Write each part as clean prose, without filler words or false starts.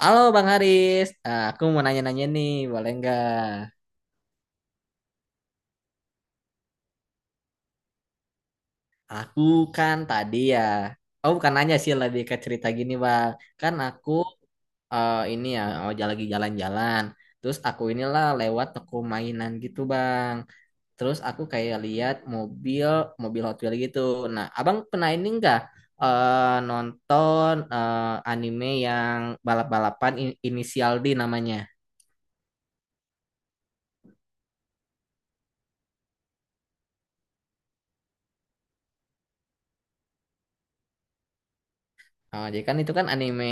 Halo Bang Haris, aku mau nanya-nanya nih, boleh nggak? Aku kan tadi ya, oh bukan nanya sih lebih ke cerita gini Bang. Kan aku ini ya, oh lagi jalan-jalan. Terus aku inilah lewat toko mainan gitu Bang. Terus aku kayak lihat mobil Hot Wheels gitu. Nah, Abang pernah ini nggak nonton anime yang balap-balapan inisial D namanya? Oh, jadi kan itu kan anime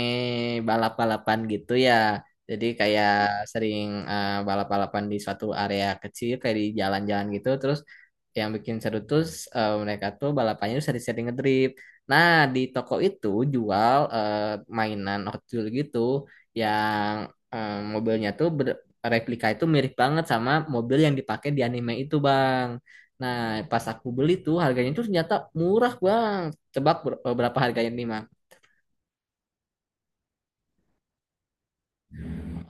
balap-balapan gitu ya. Jadi kayak sering balap-balapan di suatu area kecil kayak di jalan-jalan gitu. Terus yang bikin seru tuh mereka tuh balapannya tuh sering-sering ngedrift. Nah, di toko itu jual mainan Hot Wheels gitu yang mobilnya tuh replika itu mirip banget sama mobil yang dipakai di anime itu, Bang. Nah, pas aku beli tuh harganya tuh ternyata murah, Bang. Tebak berapa harganya nih?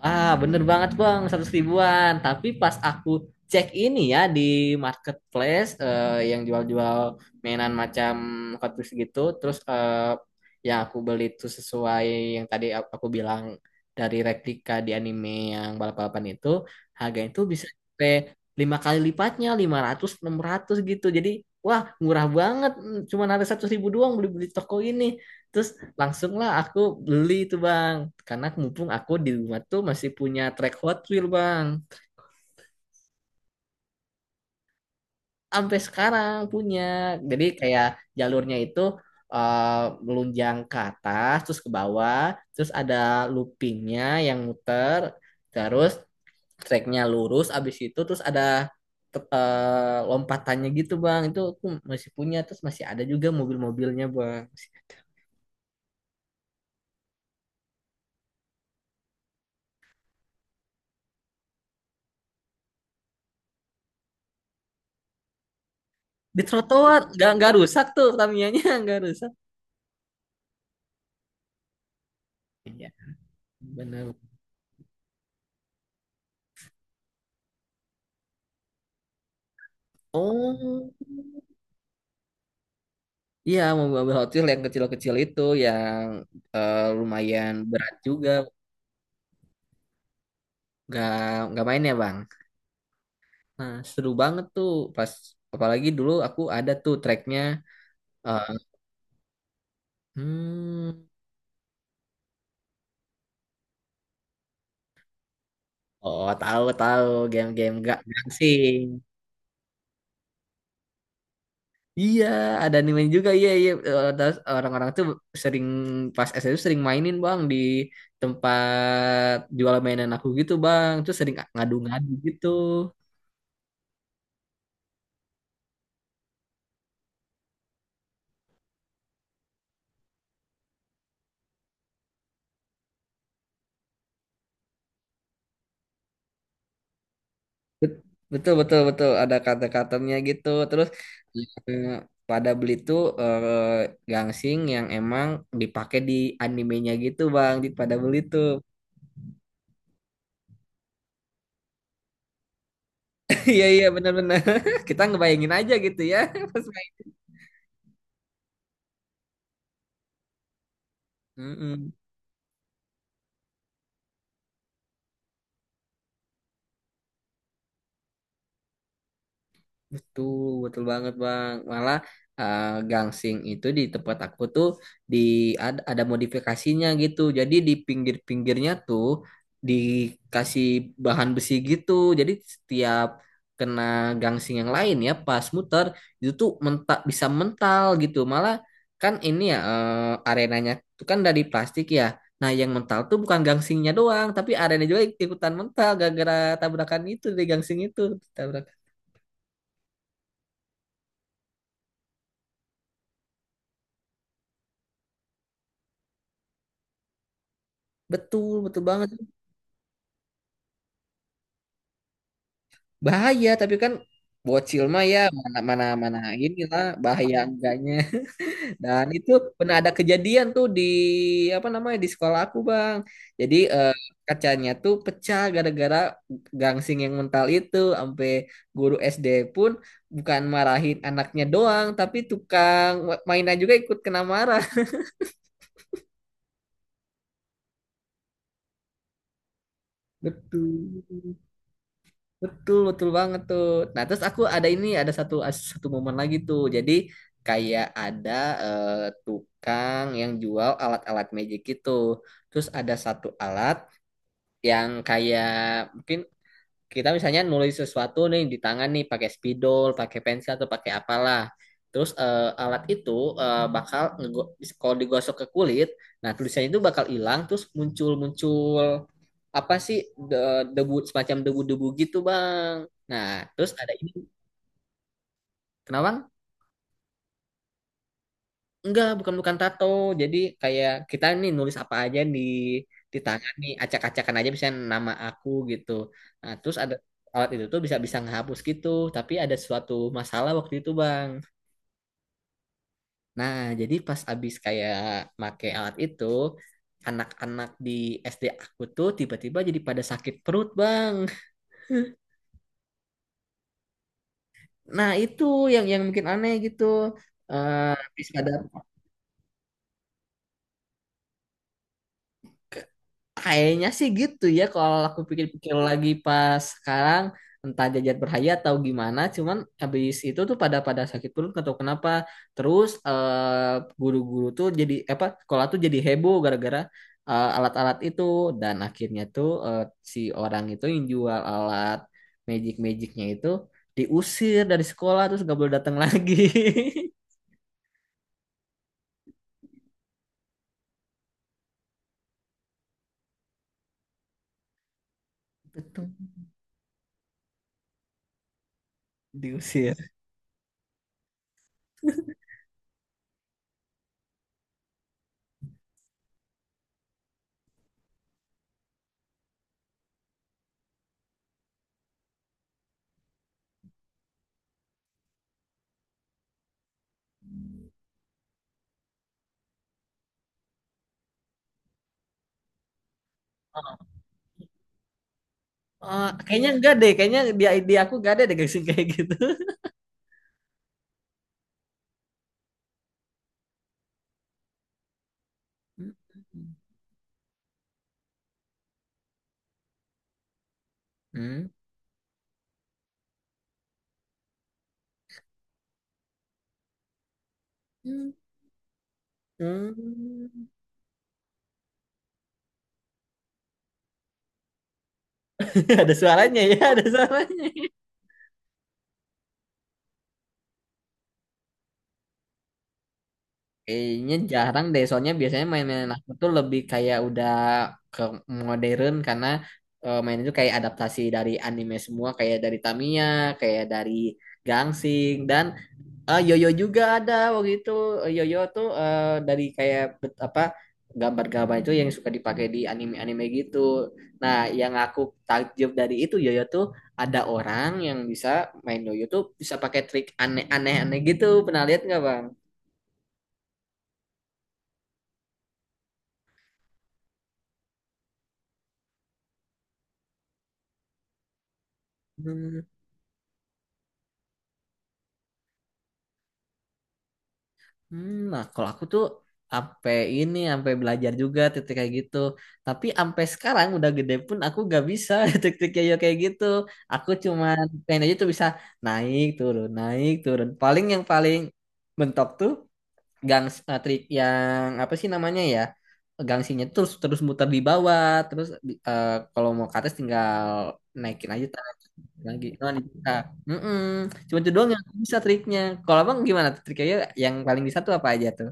Ah, bener banget Bang, 100 ribuan. Tapi pas aku cek ini ya di marketplace yang jual-jual mainan macam kardus gitu, terus yang aku beli itu sesuai yang tadi aku bilang dari replika di anime yang balap-balapan itu, harganya itu bisa sampai 5 kali lipatnya, 500 600 gitu. Jadi, wah murah banget, cuma ada 100 ribu doang beli-beli toko ini. Terus langsunglah aku beli itu bang, karena mumpung aku di rumah tuh masih punya track Hot Wheel bang, sampai sekarang punya. Jadi kayak jalurnya itu eh, melunjang ke atas, terus ke bawah, terus ada loopingnya yang muter, terus tracknya lurus, abis itu terus ada lompatannya gitu bang. Itu aku masih punya, terus masih ada juga mobil-mobilnya bang. Di trotoar, nggak rusak tuh Tamiya-nya nggak rusak. Iya. Benar. Oh, iya mobil-mobil Hot Wheels yang kecil-kecil itu yang lumayan berat juga. Gak nggak main ya bang. Nah seru banget tuh pas apalagi dulu aku ada tuh tracknya. eh, hmm, oh, tahu tahu game-game gak gangsing. Iya ada anime juga iya iya. Terus orang-orang tuh sering pas SD tuh sering mainin bang di tempat jual mainan aku gitu bang. Terus sering ngadu-ngadu gitu. Bet- Betul betul betul ada kata-katanya gitu terus eh, pada beli tuh gangsing yang emang dipakai di animenya gitu bang di pada beli tuh. Iya iya benar-benar kita ngebayangin aja gitu ya pas main. Mm-mm. Betul, betul banget Bang. Malah eh, gangsing itu di tempat aku tuh di ada modifikasinya gitu. Jadi di pinggir-pinggirnya tuh dikasih bahan besi gitu. Jadi setiap kena gangsing yang lain ya pas muter itu tuh mentak bisa mental gitu. Malah kan ini ya arenanya tuh kan dari plastik ya. Nah, yang mental tuh bukan gangsingnya doang, tapi arena juga ikutan mental gara-gara tabrakan itu di gangsing itu. Betul, betul banget. Bahaya, tapi kan bocil mah ya mana mana mana inilah bahaya enggaknya. Dan itu pernah ada kejadian tuh di apa namanya di sekolah aku, Bang. Jadi kacanya tuh pecah gara-gara gangsing yang mental itu sampai guru SD pun bukan marahin anaknya doang, tapi tukang mainan juga ikut kena marah. Betul. Betul, betul banget tuh. Nah, terus aku ada ini, ada satu satu momen lagi tuh. Jadi kayak ada eh, tukang yang jual alat-alat magic gitu. Terus ada satu alat yang kayak mungkin kita misalnya nulis sesuatu nih di tangan nih pakai spidol, pakai pensil atau pakai apalah. Terus alat itu bakal kalau digosok ke kulit, nah tulisannya itu bakal hilang terus muncul-muncul apa sih de- debu semacam debu-debu gitu, Bang. Nah, terus ada ini. Kenapa? Bang? Enggak, bukan bukan tato. Jadi kayak kita nih nulis apa aja di tangan nih, acak-acakan aja misalnya nama aku gitu. Nah, terus ada alat itu tuh bisa bisa ngehapus gitu, tapi ada suatu masalah waktu itu, Bang. Nah, jadi pas abis kayak make alat itu, anak-anak di SD aku tuh tiba-tiba jadi pada sakit perut, Bang. Nah, itu yang mungkin aneh gitu. Habis pada. Kayaknya sih gitu ya kalau aku pikir-pikir lagi pas sekarang entah jajat berhayat atau gimana cuman habis itu tuh pada pada sakit perut nggak tahu kenapa, terus guru-guru tuh jadi apa sekolah tuh jadi heboh gara-gara alat-alat itu dan akhirnya tuh si orang itu yang jual alat magic-magicnya itu diusir dari sekolah terus nggak boleh datang lagi. Betul. Diusir. Kayaknya enggak deh kayaknya dia di aku gak ada deh kayak kayak gitu. Hmm. Hmm. Hmm. Hmm. Ada suaranya ya, ada suaranya. Kayaknya jarang deh, soalnya biasanya mainan aku tuh lebih kayak udah ke modern karena main itu kayak adaptasi dari anime semua, kayak dari Tamiya, kayak dari Gangsing dan yoyo juga ada waktu itu. Yoyo tuh dari kayak apa gambar-gambar itu yang suka dipakai di anime-anime gitu. Nah, yang aku takjub dari itu yoyo tuh ada orang yang bisa main yoyo tuh bisa pakai trik aneh-aneh aneh gitu. Pernah lihat nggak, Bang? Nah, kalau aku tuh sampai ini, sampai belajar juga titik kayak gitu. Tapi sampai sekarang udah gede pun aku gak bisa titik yoyo kayak gitu. Aku cuman pengen aja tuh bisa naik turun, naik turun. Paling yang paling mentok tuh gang trik yang apa sih namanya ya? Gangsinya terus terus muter di bawah, terus kalau mau ke atas tinggal naikin aja lagi oh di TikTok. Mm-mm. Cuma itu doang yang aku bisa triknya, kalau abang gimana tuh triknya yang paling bisa tuh apa aja tuh?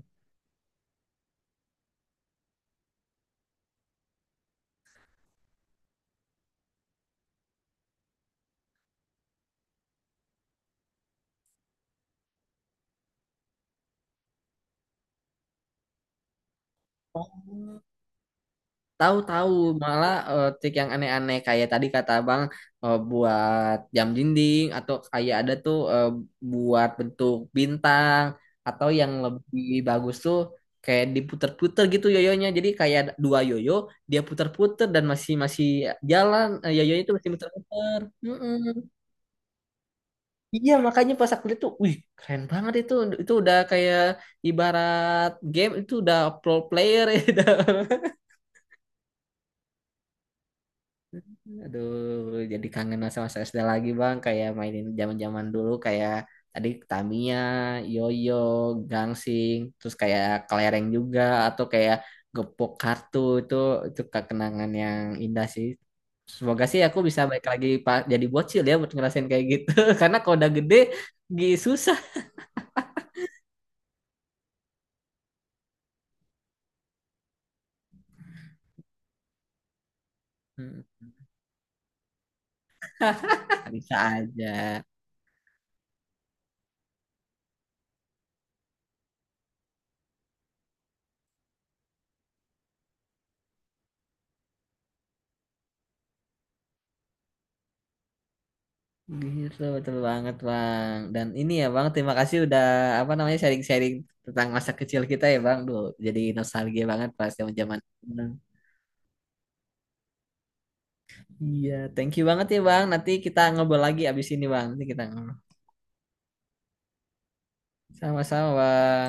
Oh. Tahu-tahu malah trik yang aneh-aneh kayak tadi kata abang buat jam dinding atau kayak ada tuh buat bentuk bintang atau yang lebih bagus tuh kayak diputer-puter gitu yoyonya jadi kayak ada dua yoyo dia puter-puter dan masih masih jalan yoyonya itu masih muter-muter. Iya makanya pas aku lihat tuh, wih keren banget itu udah kayak ibarat game itu udah pro player ya. Udah. Aduh, jadi kangen masa-masa SD lagi bang, kayak mainin zaman-zaman dulu kayak tadi Tamiya, Yoyo, Gangsing, terus kayak kelereng juga atau kayak gepok kartu itu kenangan yang indah sih. Semoga sih aku bisa balik lagi Pak jadi bocil ya buat ngerasain kayak gitu, karena kalau udah gede, susah. Hmm. Bisa aja. Gitu, betul banget Bang. Dan ini ya Bang, terima kasih udah apa namanya sharing-sharing tentang masa kecil kita ya Bang. Duh, jadi nostalgia banget pas zaman-zaman. Nah, iya, thank you banget ya Bang. Nanti kita ngobrol lagi abis ini Bang. Nanti kita ngobrol. Sama-sama Bang.